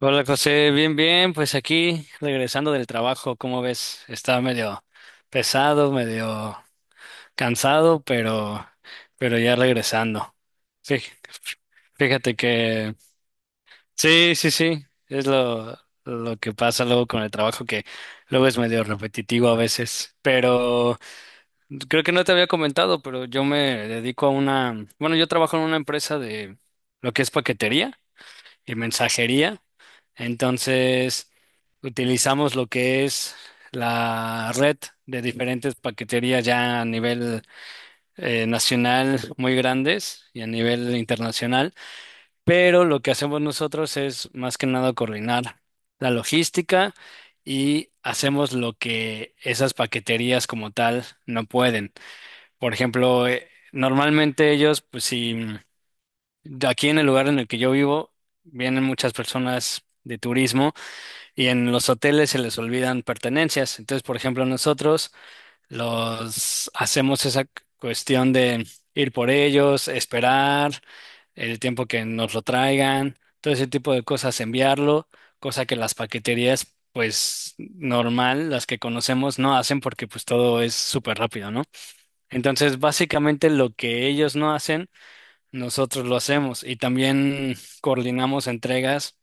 Hola José, bien, bien, pues aquí regresando del trabajo, ¿cómo ves? Estaba medio pesado, medio cansado, pero ya regresando. Fí- Fíjate que sí, sí, sí, lo que pasa luego con el trabajo, que luego es medio repetitivo a veces, pero creo que no te había comentado, pero yo me dedico a una, bueno, yo trabajo en una empresa de lo que es paquetería y mensajería. Entonces, utilizamos lo que es la red de diferentes paqueterías ya a nivel nacional muy grandes y a nivel internacional, pero lo que hacemos nosotros es más que nada coordinar la logística y hacemos lo que esas paqueterías como tal no pueden. Por ejemplo, normalmente ellos, pues si de aquí en el lugar en el que yo vivo, vienen muchas personas de turismo. Y en los hoteles se les olvidan pertenencias. Entonces, por ejemplo, nosotros los hacemos esa cuestión de ir por ellos, esperar el tiempo que nos lo traigan, todo ese tipo de cosas, enviarlo, cosa que las paqueterías, pues normal, las que conocemos, no hacen porque pues todo es súper rápido, ¿no? Entonces, básicamente lo que ellos no hacen, nosotros lo hacemos y también coordinamos entregas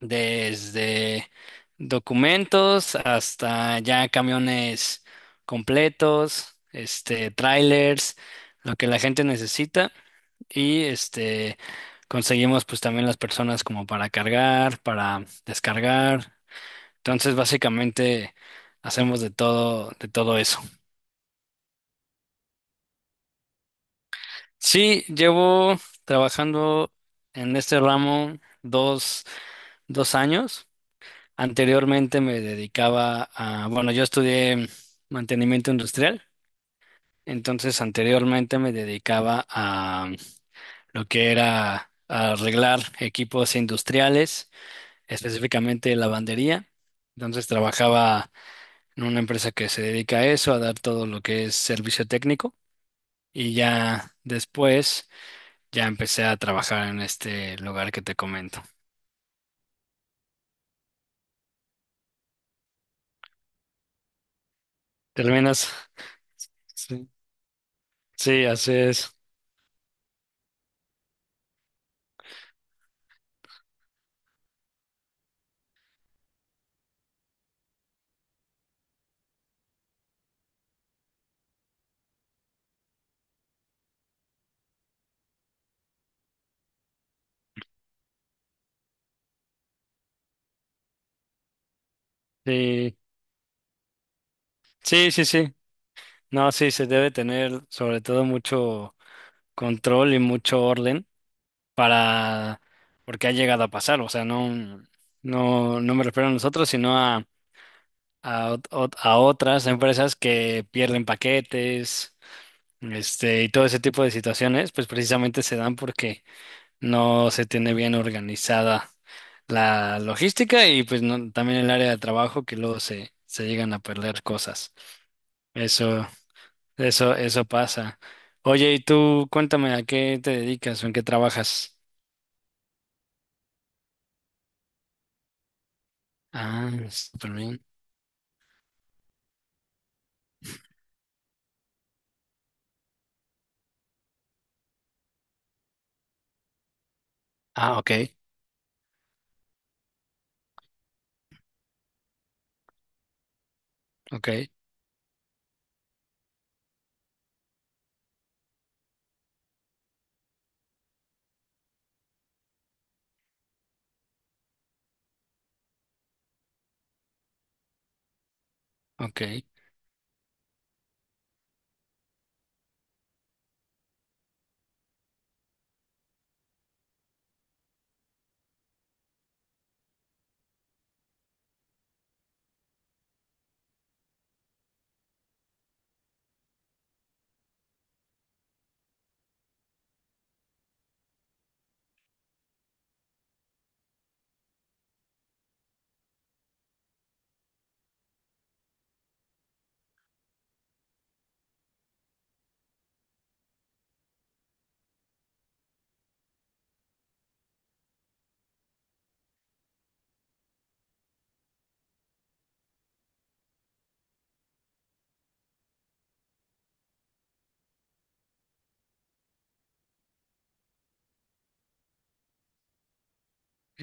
desde documentos hasta ya camiones completos, este, trailers, lo que la gente necesita y este conseguimos pues también las personas como para cargar, para descargar. Entonces, básicamente hacemos de todo eso. Sí, llevo trabajando en este ramo dos, 2 años. Anteriormente me dedicaba a, bueno, yo estudié mantenimiento industrial, entonces anteriormente me dedicaba a lo que era arreglar equipos industriales, específicamente lavandería. Entonces trabajaba en una empresa que se dedica a eso, a dar todo lo que es servicio técnico. Y ya después, ya empecé a trabajar en este lugar que te comento. ¿Terminas? Sí, sí, así es. Sí, sí, sí, sí. No, sí, se debe tener sobre todo mucho control y mucho orden para, porque ha llegado a pasar, o sea, no, no, no me refiero a nosotros, sino a, a otras empresas que pierden paquetes, este, y todo ese tipo de situaciones, pues precisamente se dan porque no se tiene bien organizada la logística y pues no- también el área de trabajo que luego se llegan a perder cosas. Eso. Eso pasa. Oye, y tú cuéntame a qué te dedicas o en qué trabajas. Ah, súper bien. Ah, ok, ok, ok.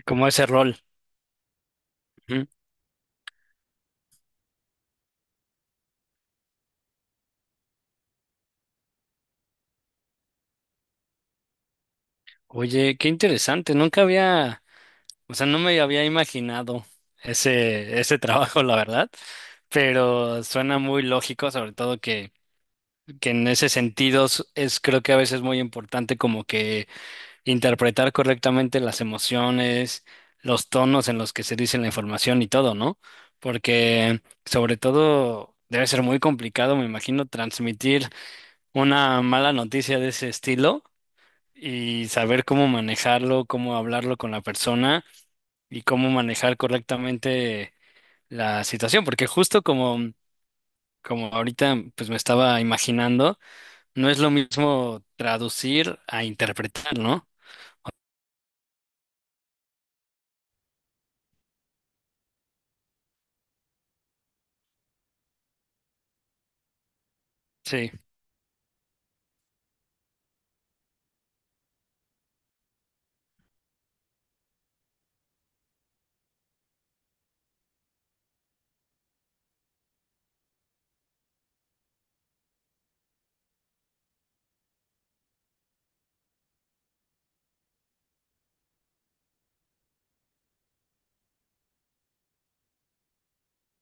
Como ese rol. Ujú. Oye, qué interesante. Nunca había, o sea, no me había imaginado ese, ese trabajo, la verdad. Pero suena muy lógico, sobre todo que en ese sentido es creo que a veces muy importante como que interpretar correctamente las emociones, los tonos en los que se dice la información y todo, ¿no? Porque sobre todo debe ser muy complicado, me imagino, transmitir una mala noticia de ese estilo y saber cómo manejarlo, cómo hablarlo con la persona y cómo manejar correctamente la situación, porque justo como ahorita pues me estaba imaginando, no es lo mismo traducir a interpretar, ¿no? Sí,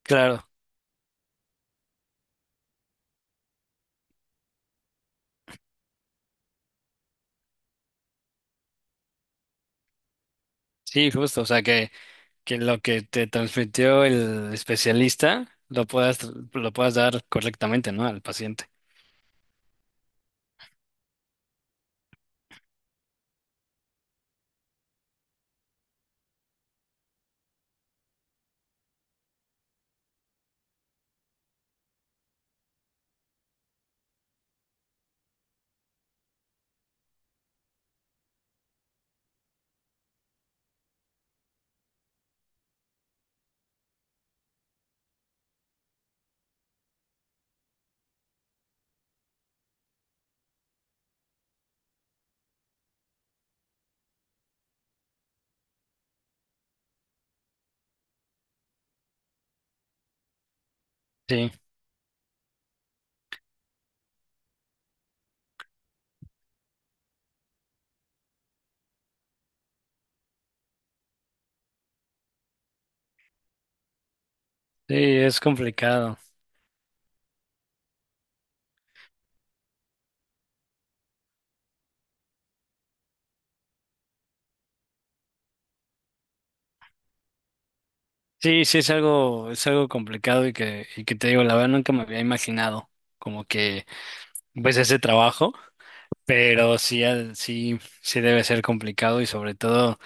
claro. Sí, justo, o sea que lo que te transmitió el especialista lo puedas dar correctamente, ¿no? Al paciente. Sí, sí, es complicado. Sí, sí, es algo complicado y que te digo, la verdad nunca me había imaginado como que pues ese trabajo, pero sí, sí, sí debe ser complicado y sobre todo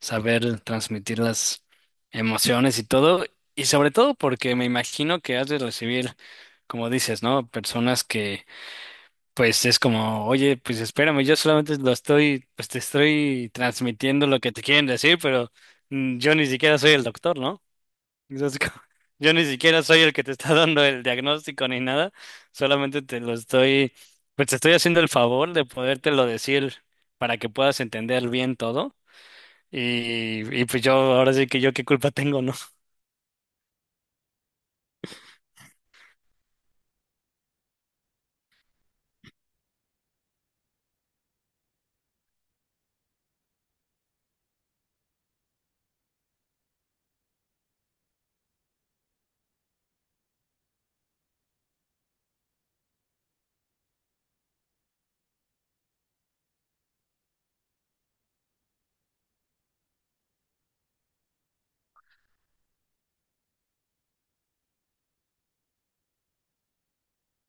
saber transmitir las emociones y todo, y sobre todo porque me imagino que has de recibir, como dices, ¿no? Personas que pues es como, oye, pues espérame, yo solamente lo estoy, pues te estoy transmitiendo lo que te quieren decir, pero yo ni siquiera soy el doctor, ¿no? Entonces, como, yo ni siquiera soy el que te está dando el diagnóstico ni nada, solamente te lo estoy, pues te estoy haciendo el favor de podértelo decir para que puedas entender bien todo. Y pues yo, ahora sí que yo qué culpa tengo, ¿no?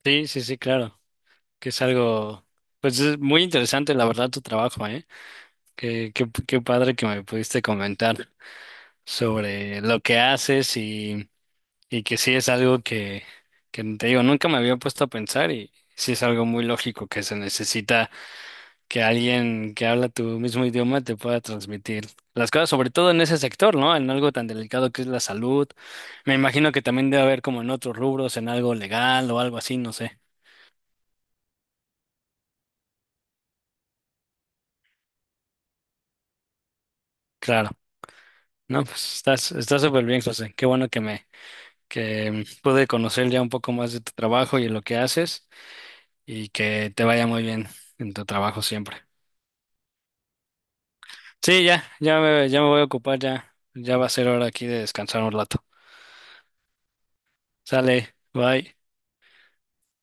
Sí, sí, sí, claro, que es algo, pues es muy interesante, la verdad, tu trabajo, ¿eh? Qué, qué, qué padre que me pudiste comentar sobre lo que haces y que sí es algo que te digo, nunca me había puesto a pensar y sí es algo muy lógico que se necesita que alguien que habla tu mismo idioma te pueda transmitir las cosas, sobre todo en ese sector, ¿no? En algo tan delicado que es la salud. Me imagino que también debe haber como en otros rubros, en algo legal o algo así, no sé. Claro. No, pues estás, estás súper bien, José. Qué bueno que pude conocer ya un poco más de tu trabajo y de lo que haces y que te vaya muy bien en tu trabajo siempre. Sí, ya, ya me voy a ocupar, ya, ya va a ser hora aquí de descansar un rato. Sale, bye.